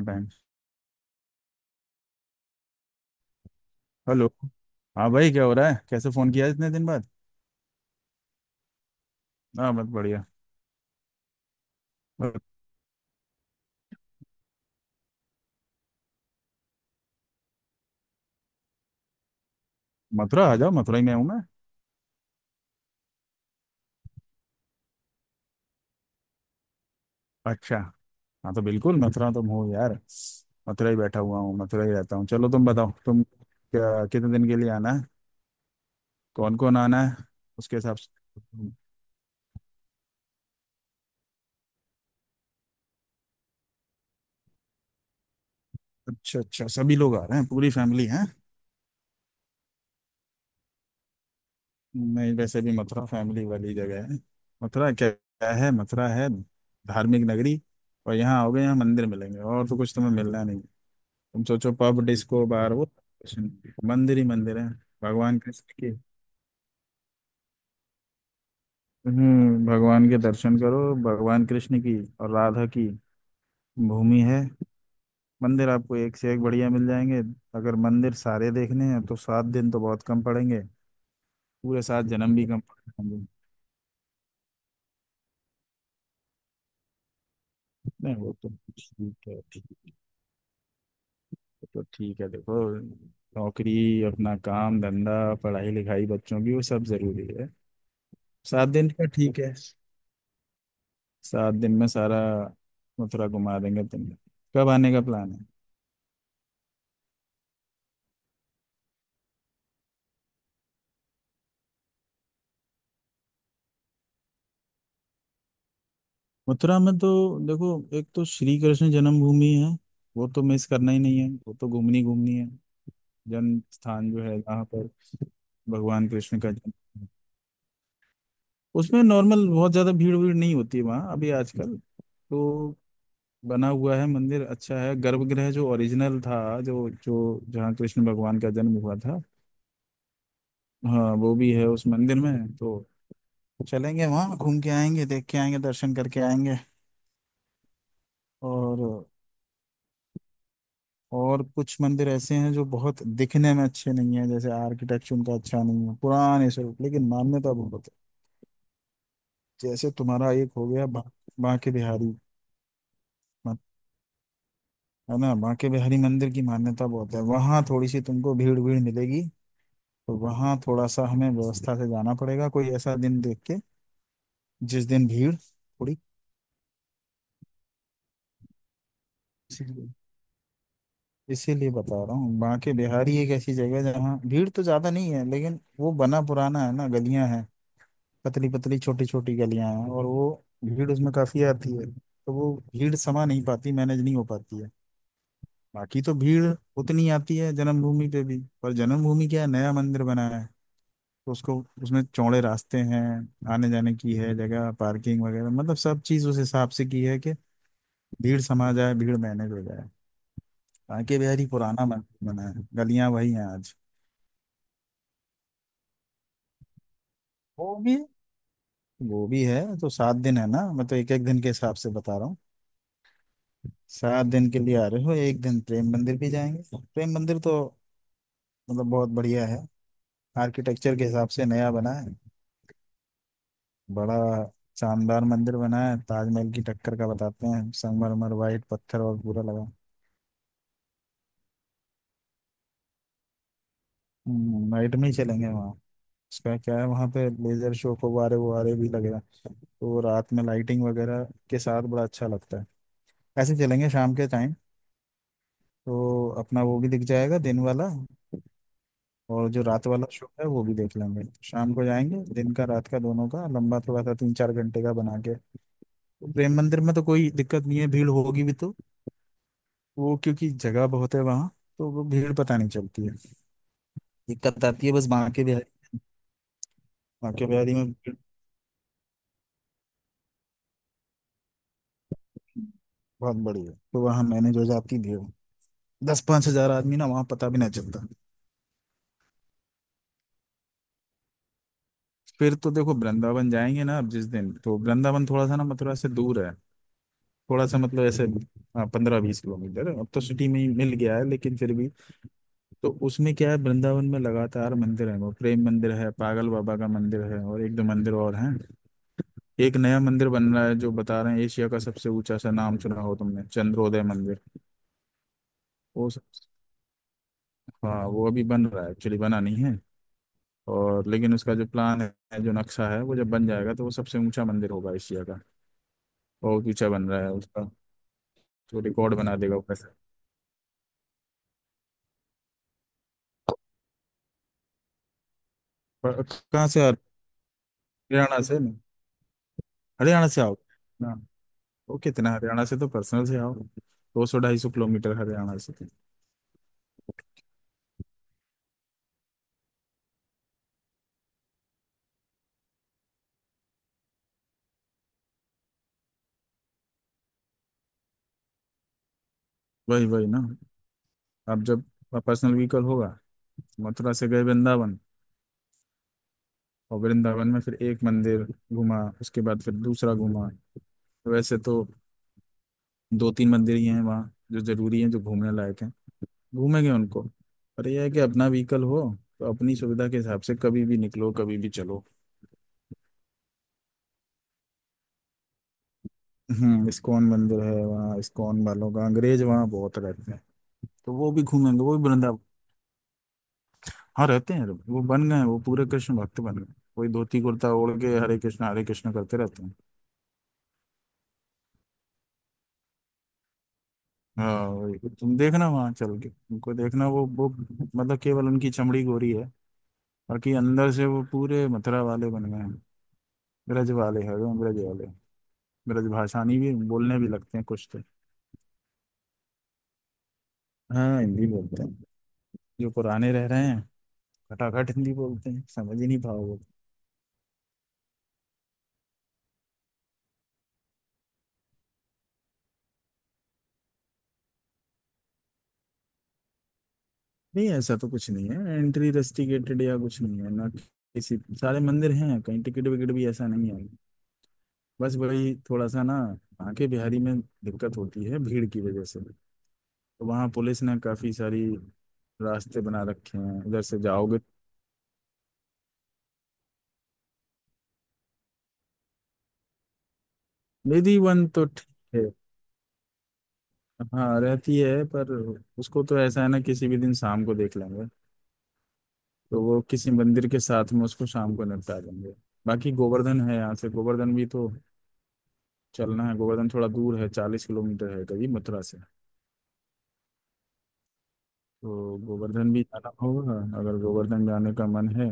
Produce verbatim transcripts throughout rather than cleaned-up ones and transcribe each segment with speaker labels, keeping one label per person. Speaker 1: Time. Hello. हाँ भाई, क्या हो रहा है? कैसे फोन किया इतने दिन बाद? हाँ, बस बढ़िया। और मथुरा आ जाओ, मथुरा ही में हूँ मैं। अच्छा। हाँ तो बिल्कुल मथुरा तुम हो यार? मथुरा ही बैठा हुआ हूँ, मथुरा ही रहता हूँ। चलो तुम बताओ, तुम क्या कितने दिन के लिए आना है? कौन कौन आना है? उसके हिसाब से। अच्छा अच्छा, सभी लोग आ रहे हैं? पूरी फैमिली है? नहीं, वैसे भी मथुरा फैमिली वाली जगह है। मथुरा क्या क्या है? मथुरा है धार्मिक नगरी। और यहाँ आओगे, यहाँ मंदिर मिलेंगे, और तो कुछ तुम्हें मिलना नहीं। तुम सोचो पब डिस्को बार, वो मंदिर ही मंदिर है। भगवान कृष्ण की। हम्म भगवान के दर्शन करो, भगवान कृष्ण की और राधा की भूमि है। मंदिर आपको एक से एक बढ़िया मिल जाएंगे। अगर मंदिर सारे देखने हैं तो सात दिन तो बहुत कम पड़ेंगे। पूरे सात जन्म भी कम पड़ेंगे। नहीं वो तो ठीक है, ठीक है तो ठीक है। देखो नौकरी, अपना काम धंधा, पढ़ाई लिखाई बच्चों की, वो सब जरूरी है। सात दिन का ठीक है। सात दिन में सारा मथुरा घुमा देंगे तुम। कब आने का प्लान है? मथुरा में तो देखो, एक तो श्री कृष्ण जन्मभूमि है। वो तो मिस करना ही नहीं है, वो तो घूमनी घूमनी है। जन्म स्थान जो है, जहाँ पर भगवान कृष्ण का जन्म हुआ। उसमें नॉर्मल बहुत ज्यादा भीड़ भीड़ नहीं होती है वहाँ अभी आजकल। तो बना हुआ है मंदिर, अच्छा है। गर्भगृह जो ओरिजिनल था, जो जो जहाँ कृष्ण भगवान का जन्म हुआ था, हाँ वो भी है उस मंदिर में। तो चलेंगे वहाँ, घूम के आएंगे, देख के आएंगे, दर्शन करके आएंगे। और और कुछ मंदिर ऐसे हैं जो बहुत दिखने में अच्छे नहीं है, जैसे आर्किटेक्चर उनका अच्छा नहीं है, पुराने स्वरूप, लेकिन मान्यता बहुत है। जैसे तुम्हारा एक हो गया बा, बांके बिहारी। मत- है ना, बांके बिहारी मंदिर की मान्यता बहुत है। वहाँ थोड़ी सी तुमको भीड़ भीड़ मिलेगी। तो वहाँ थोड़ा सा हमें व्यवस्था से जाना पड़ेगा, कोई ऐसा दिन देख के जिस दिन भीड़ थोड़ी। इसीलिए बता रहा हूँ, बांके बिहारी एक ऐसी जगह है जहाँ भीड़ तो ज्यादा नहीं है, लेकिन वो बना पुराना है ना, गलियां हैं। पतली पतली छोटी छोटी गलियां हैं, और वो भीड़ उसमें काफी आती है, तो वो भीड़ समा नहीं पाती, मैनेज नहीं हो पाती है। बाकी तो भीड़ उतनी आती है जन्मभूमि पे भी, पर जन्मभूमि क्या है, नया मंदिर बना है। तो उसको, उसमें चौड़े रास्ते हैं, आने जाने की है जगह, पार्किंग वगैरह, मतलब सब चीज उस हिसाब से की है कि भीड़ समा जाए, भीड़ मैनेज हो जाए। बांके बिहारी पुराना मंदिर बना है, गलियां वही हैं आज। वो भी, वो भी है। तो सात दिन है ना, मैं तो एक एक दिन के हिसाब से बता रहा हूँ। सात दिन के लिए आ रहे हो, एक दिन प्रेम मंदिर भी जाएंगे। प्रेम मंदिर तो मतलब बहुत बढ़िया है। आर्किटेक्चर के हिसाब से नया बना है, बड़ा शानदार मंदिर बना है। ताजमहल की टक्कर का बताते हैं, संगमरमर वाइट पत्थर और पूरा लगा। हम्म, नाइट में ही चलेंगे वहाँ। उसका क्या है, वहाँ पे लेजर शो को वारे वो वारे भी लगेगा। तो रात में लाइटिंग वगैरह के साथ बड़ा अच्छा लगता है। ऐसे चलेंगे शाम के टाइम, तो अपना वो भी दिख जाएगा दिन वाला, और जो रात वाला शो है वो भी देख लेंगे। शाम को जाएंगे, दिन का रात का दोनों का लंबा थोड़ा सा तीन चार घंटे का बना के। प्रेम मंदिर में तो कोई दिक्कत नहीं है, भीड़ होगी भी तो, वो क्योंकि जगह बहुत है वहाँ, तो वो भीड़ पता नहीं चलती है। दिक्कत आती है बस बांके बिहारी। बांके बिहारी में भीड़ बहुत बड़ी है, तो वहाँ मैनेज हो जाती भीड़। दस पांच हजार आदमी ना वहाँ पता भी ना चलता। फिर तो देखो वृंदावन जाएंगे ना अब जिस दिन। तो वृंदावन थोड़ा सा ना मथुरा से दूर है, थोड़ा सा मतलब ऐसे, हाँ, पंद्रह बीस किलोमीटर। अब तो सिटी में ही मिल गया है, लेकिन फिर भी। तो उसमें क्या है, वृंदावन में लगातार मंदिर है। वो प्रेम मंदिर है, पागल बाबा का मंदिर है, और एक दो मंदिर और हैं। एक नया मंदिर बन रहा है जो बता रहे हैं एशिया का सबसे ऊंचा। सा नाम सुना हो तुमने, चंद्रोदय मंदिर। वो सब, हाँ वो अभी बन रहा है, एक्चुअली बना नहीं है। और लेकिन उसका जो प्लान है, जो नक्शा है, वो जब बन जाएगा तो वो सबसे ऊंचा मंदिर होगा एशिया का। बहुत ऊंचा बन रहा है उसका, तो रिकॉर्ड बना देगा वो वैसे। पर कहाँ से आ रहे हो? हरियाणा से ना? हरियाणा से आओ ना। ओके, इतना हरियाणा से तो पर्सनल से आओ, दो सौ ढाई सौ किलोमीटर हरियाणा से। वही वही ना। अब जब पर्सनल व्हीकल होगा, मथुरा से गए वृंदावन, और वृंदावन में फिर एक मंदिर घूमा, उसके बाद फिर दूसरा घूमा। वैसे तो दो तीन मंदिर ही हैं वहाँ जो जरूरी हैं, जो घूमने लायक हैं, घूमेंगे उनको। पर यह है कि अपना व्हीकल हो, तो अपनी सुविधा के हिसाब से कभी भी निकलो कभी भी चलो। हम्म इस्कॉन मंदिर है वहाँ, इस्कॉन वालों का, अंग्रेज वहाँ बहुत रहते हैं। तो वो भी घूमेंगे, वो भी वृंदावन। हाँ रहते हैं, वो बन गए हैं, वो पूरे कृष्ण भक्त बन गए। कोई धोती कुर्ता ओढ़ के हरे कृष्ण हरे कृष्ण करते रहते हैं। हाँ वही। तुम देखना वहां चल के उनको देखना, वो वो मतलब केवल उनकी चमड़ी गोरी है, बाकी अंदर से वो पूरे मथुरा वाले बन गए हैं। ब्रज वाले हैं वो, ब्रज वाले। ब्रज भाषानी भी बोलने भी लगते हैं कुछ तो। हाँ हिंदी बोलते हैं, जो पुराने रह रहे हैं खटाखट हिंदी बोलते हैं, समझ ही नहीं पाओगे। नहीं, ऐसा तो कुछ नहीं है एंट्री रेस्ट्रिक्टेड या कुछ नहीं है ना किसी, सारे मंदिर हैं। कहीं टिकट विकट भी ऐसा नहीं है। बस वही थोड़ा सा ना आके बिहारी में दिक्कत होती है भीड़ की वजह से। तो वहाँ पुलिस ने काफी सारी रास्ते बना रखे हैं, उधर से जाओगे। निधि वन तो ठीक है, हाँ रहती है। पर उसको तो ऐसा है ना, किसी भी दिन शाम को देख लेंगे। तो वो किसी मंदिर के साथ में उसको शाम को निपटा देंगे। बाकी गोवर्धन है यहाँ से, गोवर्धन भी तो चलना है। गोवर्धन थोड़ा दूर है, चालीस किलोमीटर है करीब मथुरा से। तो गोवर्धन भी जाना होगा। अगर गोवर्धन जाने का मन है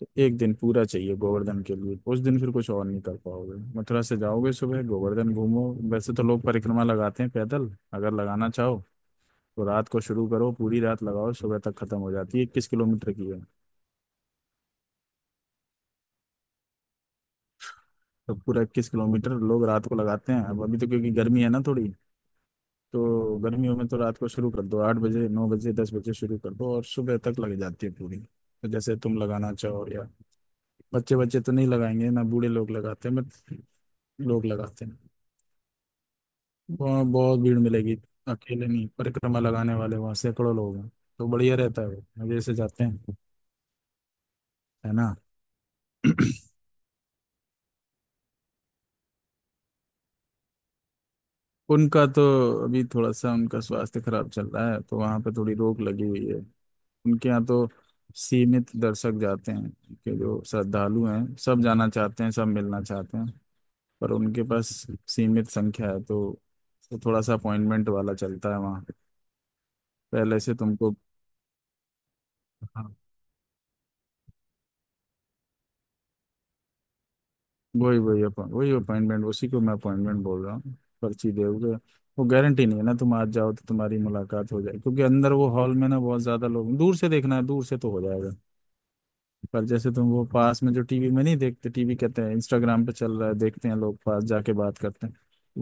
Speaker 1: तो एक दिन पूरा चाहिए गोवर्धन के लिए। उस दिन फिर कुछ और नहीं कर पाओगे। मथुरा से जाओगे सुबह, गोवर्धन घूमो। वैसे तो लोग परिक्रमा लगाते हैं पैदल। अगर लगाना चाहो तो रात को शुरू करो, पूरी रात लगाओ, सुबह तक खत्म हो जाती है। इक्कीस किलोमीटर की है। तो पूरा इक्कीस किलोमीटर लोग रात को लगाते हैं। अब अभी तो क्योंकि गर्मी है ना थोड़ी, तो गर्मियों में तो रात को शुरू कर दो। आठ बजे, नौ बजे, दस बजे शुरू कर दो और सुबह तक लग जाती है पूरी। तो जैसे तुम लगाना चाहो या, बच्चे बच्चे तो नहीं लगाएंगे ना, बूढ़े लोग लगाते हैं बट लोग लगाते हैं। वहाँ बहुत भीड़ मिलेगी, अकेले नहीं। परिक्रमा लगाने वाले वहाँ सैकड़ों लोग हैं, तो बढ़िया रहता है, वो मजे से जाते हैं, है ना। उनका तो अभी थोड़ा सा उनका स्वास्थ्य खराब चल रहा है, तो वहाँ पे थोड़ी रोक लगी हुई है। उनके यहाँ तो सीमित दर्शक जाते हैं। उनके जो श्रद्धालु हैं सब जाना चाहते हैं, सब मिलना चाहते हैं, पर उनके पास सीमित संख्या है। तो, तो थोड़ा सा अपॉइंटमेंट वाला चलता है वहाँ। पहले से तुमको वही वही अपॉइंट, वही अपॉइंटमेंट, उसी को मैं अपॉइंटमेंट बोल रहा हूँ। पर्ची दोगे, वो गारंटी नहीं है ना तुम आज जाओ तो तुम्हारी मुलाकात हो जाए। क्योंकि अंदर वो हॉल में ना बहुत ज्यादा लोग, दूर से देखना है दूर से तो हो जाएगा, पर जैसे तुम वो पास में जो टीवी में नहीं देखते, टीवी कहते हैं इंस्टाग्राम पे चल रहा है, देखते हैं लोग पास जाके बात करते हैं,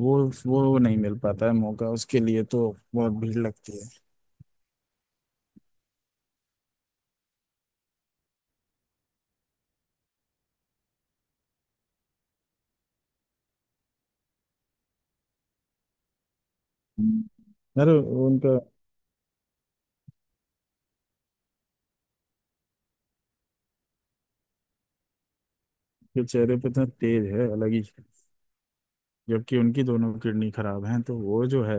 Speaker 1: वो वो नहीं मिल पाता है मौका। उसके लिए तो बहुत भीड़ लगती है। यार उनका के चेहरे पे इतना तेज है, अलग ही। जबकि उनकी दोनों किडनी खराब हैं, तो वो जो है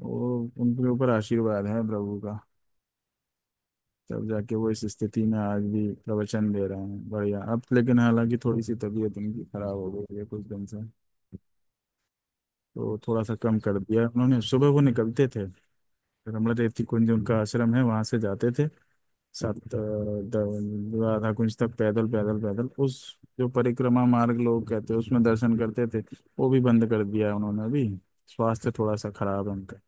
Speaker 1: वो उनके ऊपर आशीर्वाद है प्रभु का। तब जाके वो इस स्थिति में आज भी प्रवचन दे रहे हैं बढ़िया। अब लेकिन हालांकि थोड़ी सी तबीयत उनकी खराब हो गई है कुछ दिन से, तो थोड़ा सा कम कर दिया उन्होंने। सुबह वो निकलते थे, रमला देव कुंज उनका आश्रम है, वहां से जाते थे सात अ, द- राधा कुंज तक, पैदल पैदल पैदल उस जो परिक्रमा मार्ग लोग कहते हैं, उसमें दर्शन करते थे। वो भी बंद कर दिया है उन्होंने अभी, स्वास्थ्य थोड़ा सा खराब है।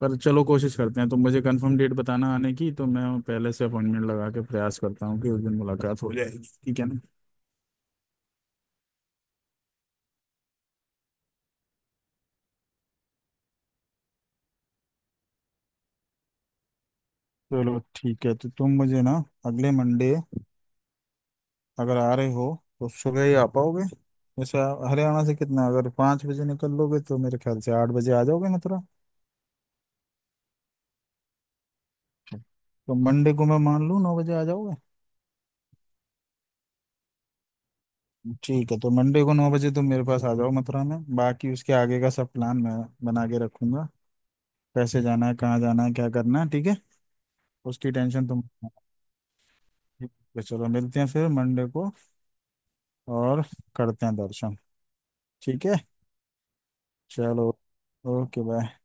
Speaker 1: पर चलो, कोशिश करते हैं। तुम मुझे कंफर्म डेट बताना आने की, तो मैं पहले से अपॉइंटमेंट लगा के प्रयास करता हूँ कि उस दिन मुलाकात हो जाएगी। ठीक है ना? चलो ठीक है, तो तुम मुझे ना अगले मंडे अगर आ रहे हो तो सुबह ही आ पाओगे। जैसे आप हरियाणा से कितना, अगर पाँच बजे निकल लोगे तो मेरे ख्याल से आठ बजे आ जाओगे मथुरा। तो मंडे को मैं मान लूँ नौ बजे आ जाओगे। ठीक है, तो मंडे को नौ बजे तुम मेरे पास आ जाओ मथुरा में, बाकी उसके आगे का सब प्लान मैं बना के रखूंगा। कैसे जाना है, कहाँ जाना है, क्या करना है, ठीक है? उसकी टेंशन तुम, ठीक है, चलो मिलते हैं फिर मंडे को, और करते हैं दर्शन। ठीक है, चलो, ओके बाय।